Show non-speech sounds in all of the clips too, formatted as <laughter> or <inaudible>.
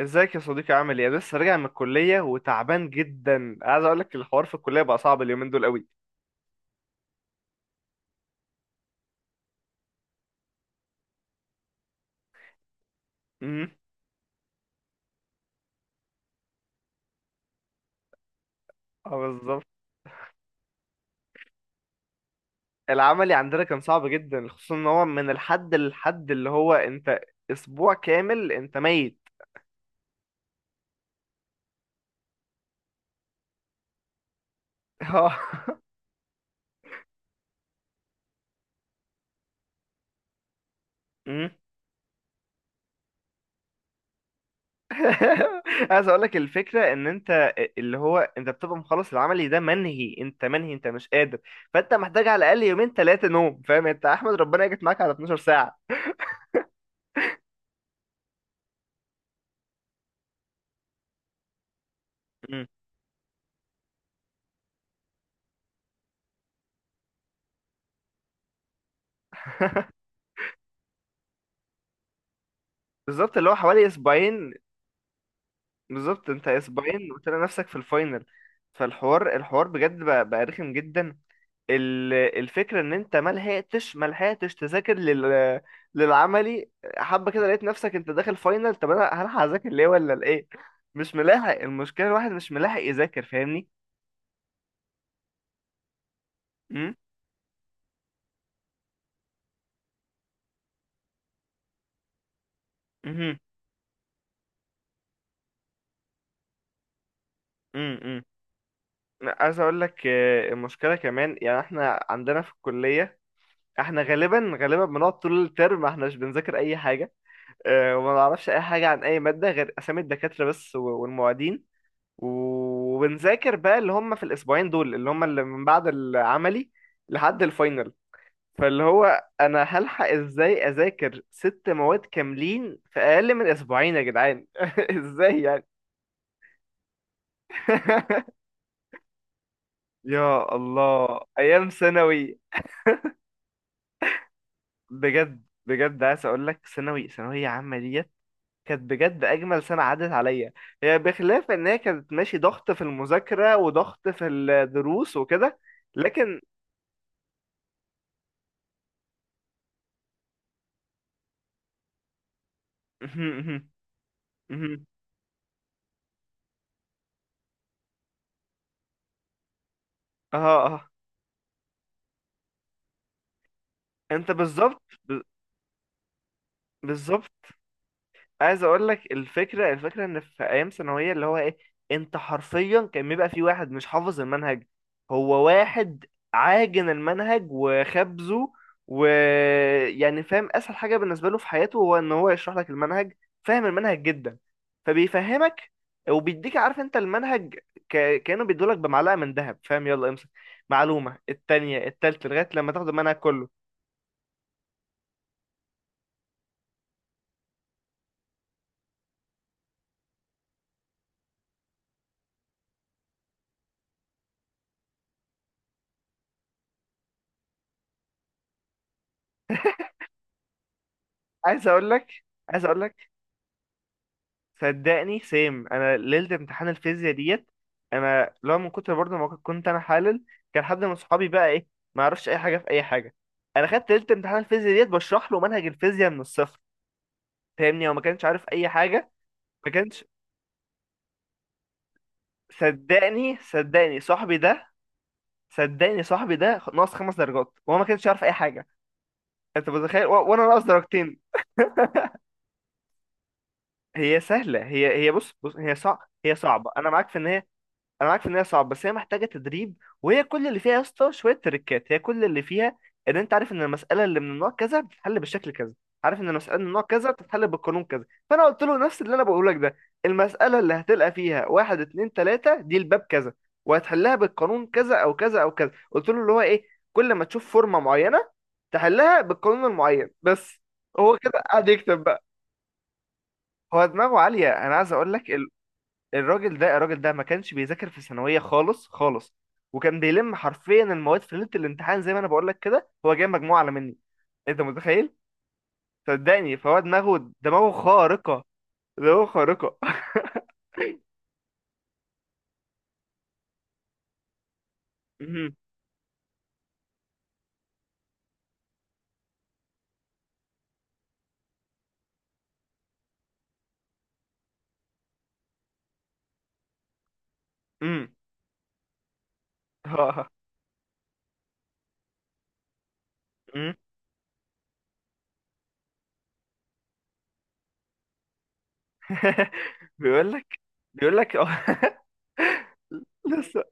ازيك يا صديقي، عامل ايه؟ أنا لسه راجع من الكليه وتعبان جدا. عايز اقول لك الحوار في الكليه بقى صعب اليومين دول قوي. امم. اه، بالظبط. العملي عندنا كان صعب جدا، خصوصا ان هو من الحد للحد اللي هو انت. اسبوع كامل انت ميت. اه. امم. <laughs> عايز اقول لك الفكره ان انت اللي هو انت بتبقى مخلص العملي ده، منهي انت منهي انت مش قادر. فانت محتاج على الاقل يومين ثلاثه نوم، فاهم؟ انت احمد ربنا جت معاك على 12 ساعه. امم. بالظبط، اللي هو حوالي اسبوعين. بالظبط، انت اسبوعين وتلاقي نفسك في الفاينل. فالحوار الحوار بجد بقى رخم جدا. الفكره ان انت ما لحقتش تذاكر للعملي. حبه كده لقيت نفسك انت داخل فاينل، طب انا هلحق اذاكر ليه ولا لايه؟ مش ملاحق، المشكله الواحد مش ملاحق يذاكر، فاهمني؟ امم. امم. امم. عايز اقول لك، المشكله كمان، يعني احنا عندنا في الكليه، احنا غالبا غالبا بنقعد طول الترم احنا مش بنذاكر اي حاجه. وما نعرفش اي حاجه عن اي ماده غير اسامي الدكاتره بس والمعيدين. وبنذاكر بقى اللي هم في الاسبوعين دول، اللي هم اللي من بعد العملي لحد الفاينل. فاللي هو انا هلحق ازاي اذاكر ست مواد كاملين في اقل من اسبوعين يا جدعان؟ <laughs> ازاي يعني؟ <laughs> يا الله ايام ثانوي. بجد بجد عايز اقول لك، ثانوي ثانويه عامه ديت كانت بجد اجمل سنه عدت عليا. هي بخلاف ان هي كانت، ماشي، ضغط في المذاكره وضغط في الدروس وكده، لكن… <laughs> اه، اه. انت بالظبط بالظبط. عايز اقول لك، الفكره ان في ايام ثانويه اللي هو ايه، انت حرفيا كان بيبقى في واحد مش حافظ المنهج، هو واحد عاجن المنهج وخبزه، ويعني فاهم اسهل حاجه بالنسبه له في حياته هو ان هو يشرح لك المنهج. فاهم المنهج جدا، فبيفهمك وبيديك، عارف انت، المنهج. كانه بيدولك بمعلقه من ذهب، فاهم، يلا امسك. معلومه، التانية، التالتة، لغايه لما تاخد المنهج كله. عايز اقول لك عايز اقول لك صدقني سيم، انا ليله امتحان الفيزياء ديت، انا لو من كتر برضه ما كنت انا حالل. كان حد من صحابي بقى، ايه، ما يعرفش اي حاجه في اي حاجه. انا خدت ليله امتحان الفيزياء ديت بشرح له منهج الفيزياء من الصفر. فاهمني؟ هو ما كانش عارف اي حاجه. ما كانش. صدقني صاحبي ده، صدقني صاحبي ده ناقص خمس درجات وهو ما كانش عارف اي حاجه. انت متخيل؟ وانا ناقص درجتين. هي سهله، هي بص بص، هي صعب، هي صعبه. انا معاك في ان هي… انا عارف ان هي صعبه، بس هي محتاجه تدريب. وهي كل اللي فيها يا اسطى شويه تريكات، هي كل اللي فيها ان انت عارف ان المساله اللي من النوع كذا بتتحل بالشكل كذا، عارف ان المساله من النوع كذا بتتحل بالقانون كذا. فانا قلت له نفس اللي انا بقوله لك ده. المساله اللي هتلقى فيها واحد، اتنين، تلاته دي، الباب كذا، وهتحلها بالقانون كذا او كذا او كذا. قلت له اللي هو ايه، كل ما تشوف فورمه معينه تحلها بالقانون المعين بس. هو كده قاعد يكتب بقى. هو دماغه عاليه، انا عايز اقول لك. الراجل ده الراجل ده ما كانش بيذاكر في ثانوية خالص خالص، وكان بيلم حرفيا المواد في ليلة الامتحان، زي ما انا بقول لك كده، هو جايب مجموعة اعلى مني. انت متخيل؟ صدقني، فهو دماغه خارقة، دماغه خارقة. <laughs> امم. امم. ها. امم. <laughs> بيقول لك بيقول لك. <laughs> لسه،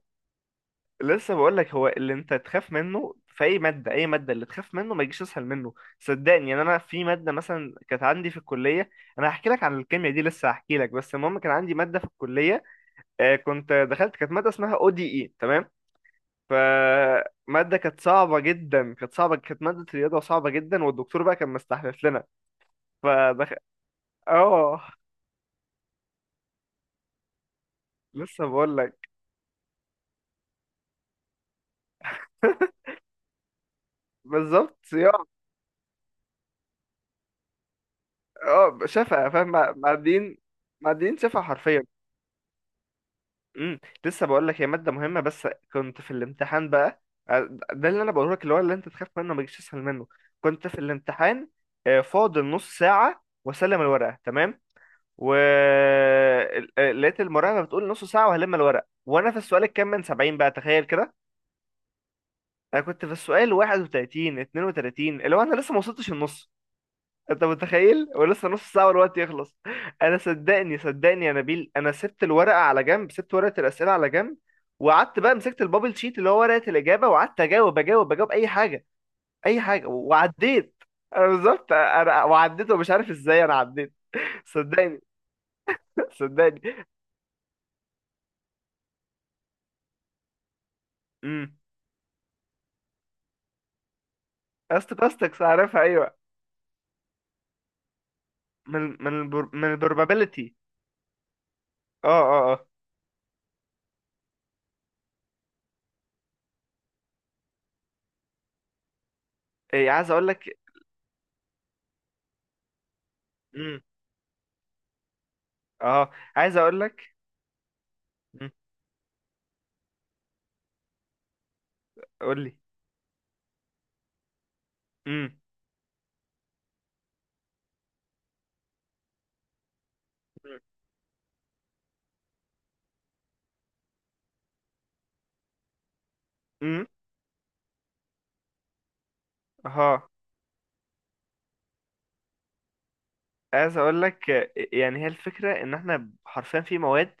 لسه بقول لك، هو اللي انت تخاف منه في اي ماده، اي ماده اللي تخاف منه ما يجيش اسهل منه. صدقني. يعني انا في ماده مثلا كانت عندي في الكليه، انا هحكي لك عن الكيمياء دي لسه، هحكي لك بس المهم كان عندي ماده في الكليه، كنت دخلت، كانت ماده اسمها او دي اي، تمام؟ فماده كانت صعبه جدا، كانت صعبه، كانت ماده رياضه صعبه جدا، والدكتور بقى كان مستحلف لنا. فدخل… اه، لسه بقول لك. <laughs> بالظبط، صياع. اه، شفا، فاهم. معديين معديين شفا حرفيا. امم. لسه بقول لك، هي ماده مهمه، بس كنت في الامتحان بقى. آه، ده اللي انا بقوله لك، اللي هو اللي انت تخاف منه ما يجيش اسهل منه. كنت في الامتحان، فاضل نص ساعه واسلم الورقه، تمام؟ و لقيت المراقبه بتقول نص ساعه وهلم الورق، وانا في السؤال الكام من 70 بقى؟ تخيل كده. انا كنت في السؤال 31، 32، اللي هو انا لسه ما وصلتش النص. انت متخيل؟ ولسه نص ساعه والوقت يخلص. انا، صدقني يا نبيل، انا سبت الورقه على جنب، سبت ورقه الاسئله على جنب، وقعدت بقى مسكت البابل شيت، اللي هو ورقه الاجابه، وقعدت اجاوب، اجاوب، اجاوب اي حاجه، اي حاجه، وعديت. انا بالظبط، انا وعديت ومش عارف ازاي انا عديت. صدقني. <laughs> صدقني. امم. استوكاستكس، عارفها، ايوه. من من البروبابيلتي. اه، اه، اه. ايه، عايز اقول لك. امم. اه، عايز اقول لك. قول لي. امم. امم. اها. عايز اقول لك، يعني هي الفكره ان احنا حرفيا في مواد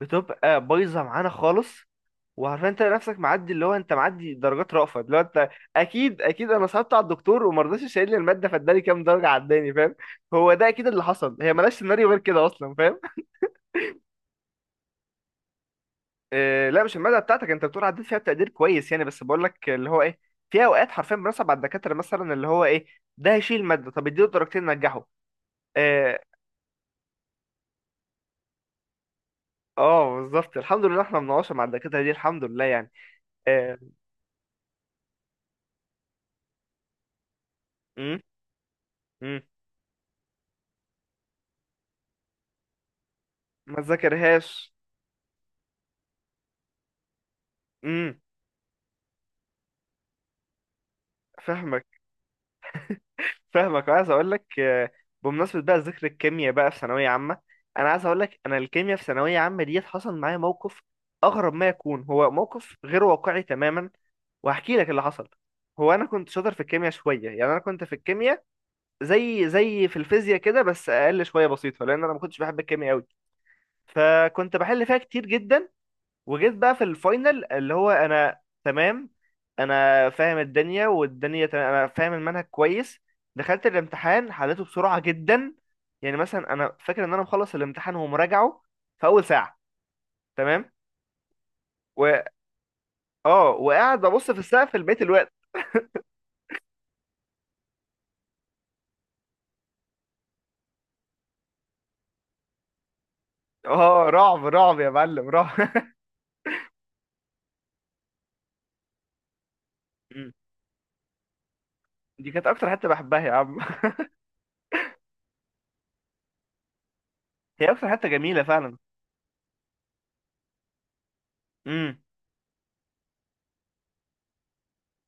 بتبقى بايظه معانا خالص، وعارفين انت نفسك معدي، اللي هو انت معدي درجات رأفة، اللي هو انت. اكيد اكيد انا صعبت على الدكتور، وما رضاش يشيل لي الماده، فاداني كام درجه عداني، فاهم؟ هو ده اكيد اللي حصل، هي مالهاش سيناريو غير كده اصلا، فاهم؟ إيه، لا، مش الماده بتاعتك، انت بتقول عديت فيها بتقدير كويس يعني. بس بقول لك اللي هو ايه، في اوقات حرفيا بنصعب على الدكاتره، مثلا، اللي هو ايه، ده هيشيل الماده، طب اديله درجتين نجحه. إيه. اه، بالظبط، الحمد لله احنا مناقشه مع الدكاتره دي الحمد لله، يعني. آه. مم. مم. ما ذاكرهاش. امم. فاهمك. فاهمك. وعايز اقول لك، بمناسبه بقى ذكر الكيمياء بقى في ثانويه عامه، انا عايز اقول لك، انا الكيمياء في ثانويه عامه ديت حصل معايا موقف اغرب ما يكون، هو موقف غير واقعي تماما، وهحكي لك اللي حصل. هو انا كنت شاطر في الكيمياء شويه، يعني انا كنت في الكيمياء زي في الفيزياء كده، بس اقل شويه بسيطه، لان انا ما كنتش بحب الكيمياء قوي، فكنت بحل فيها كتير جدا. وجيت بقى في الفاينل، اللي هو انا تمام، انا فاهم الدنيا والدنيا تمام، انا فاهم المنهج كويس. دخلت الامتحان حليته بسرعة جدا. يعني مثلا انا فاكر ان انا مخلص الامتحان ومراجعه في اول ساعة، تمام، و اه وقاعد ببص في السقف لبقية الوقت. اه، رعب رعب يا معلم، رعب. <laughs> مم. دي كانت اكتر حتة بحبها يا عم. <laughs> هي اكتر حتة جميلة فعلا. امم.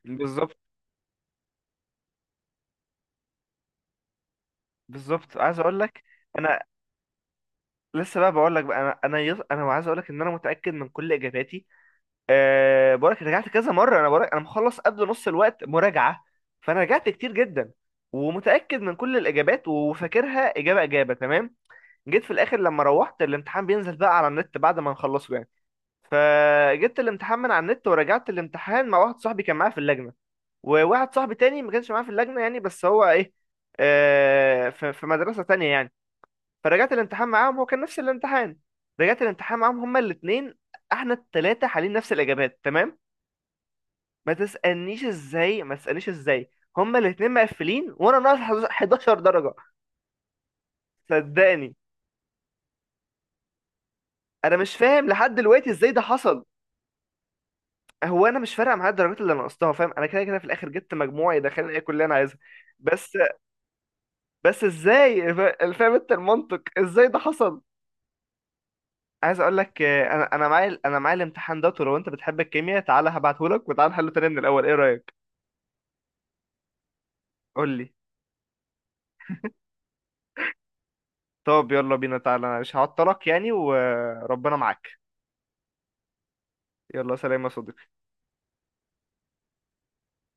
بالظبط، بالظبط. عايز اقول لك، انا لسه بقى بقول لك بقى، انا انا عايز اقول لك ان انا متاكد من كل اجاباتي. أه، بقولك رجعت كذا مرة، أنا بقولك أنا مخلص قبل نص الوقت مراجعة، فأنا رجعت كتير جدا، ومتأكد من كل الإجابات وفاكرها إجابة إجابة، تمام. جيت في الآخر، لما روحت الامتحان بينزل بقى على النت بعد ما نخلصه يعني، فجبت الامتحان من على النت ورجعت الامتحان مع واحد صاحبي كان معايا في اللجنة، وواحد صاحبي تاني ما كانش معايا في اللجنة يعني، بس هو، إيه، أه، في مدرسة تانية يعني. فرجعت الامتحان معاهم، هو كان نفس الامتحان. رجعت الامتحان معاهم هما الاتنين، احنا التلاتة حالين نفس الإجابات، تمام. ما تسألنيش ازاي، ما تسألنيش ازاي. هما الاتنين مقفلين وانا ناقص 11 درجة. صدقني، انا مش فاهم لحد دلوقتي ازاي ده حصل. هو انا مش فارقة معايا الدرجات اللي انا نقصتها، فاهم؟ انا كده كده في الاخر جبت مجموعة يدخلني اي كلية انا عايزها. بس، بس ازاي؟ فاهم انت المنطق ازاي ده حصل؟ عايز اقول لك، انا معايا، معايا الامتحان ده، ولو انت بتحب الكيمياء تعالى هبعته لك، وتعالى نحله تاني من الاول، ايه رأيك؟ قول لي. طب يلا بينا، تعالى. أنا مش هعطلك يعني، وربنا معاك. يلا سلام يا صديقي.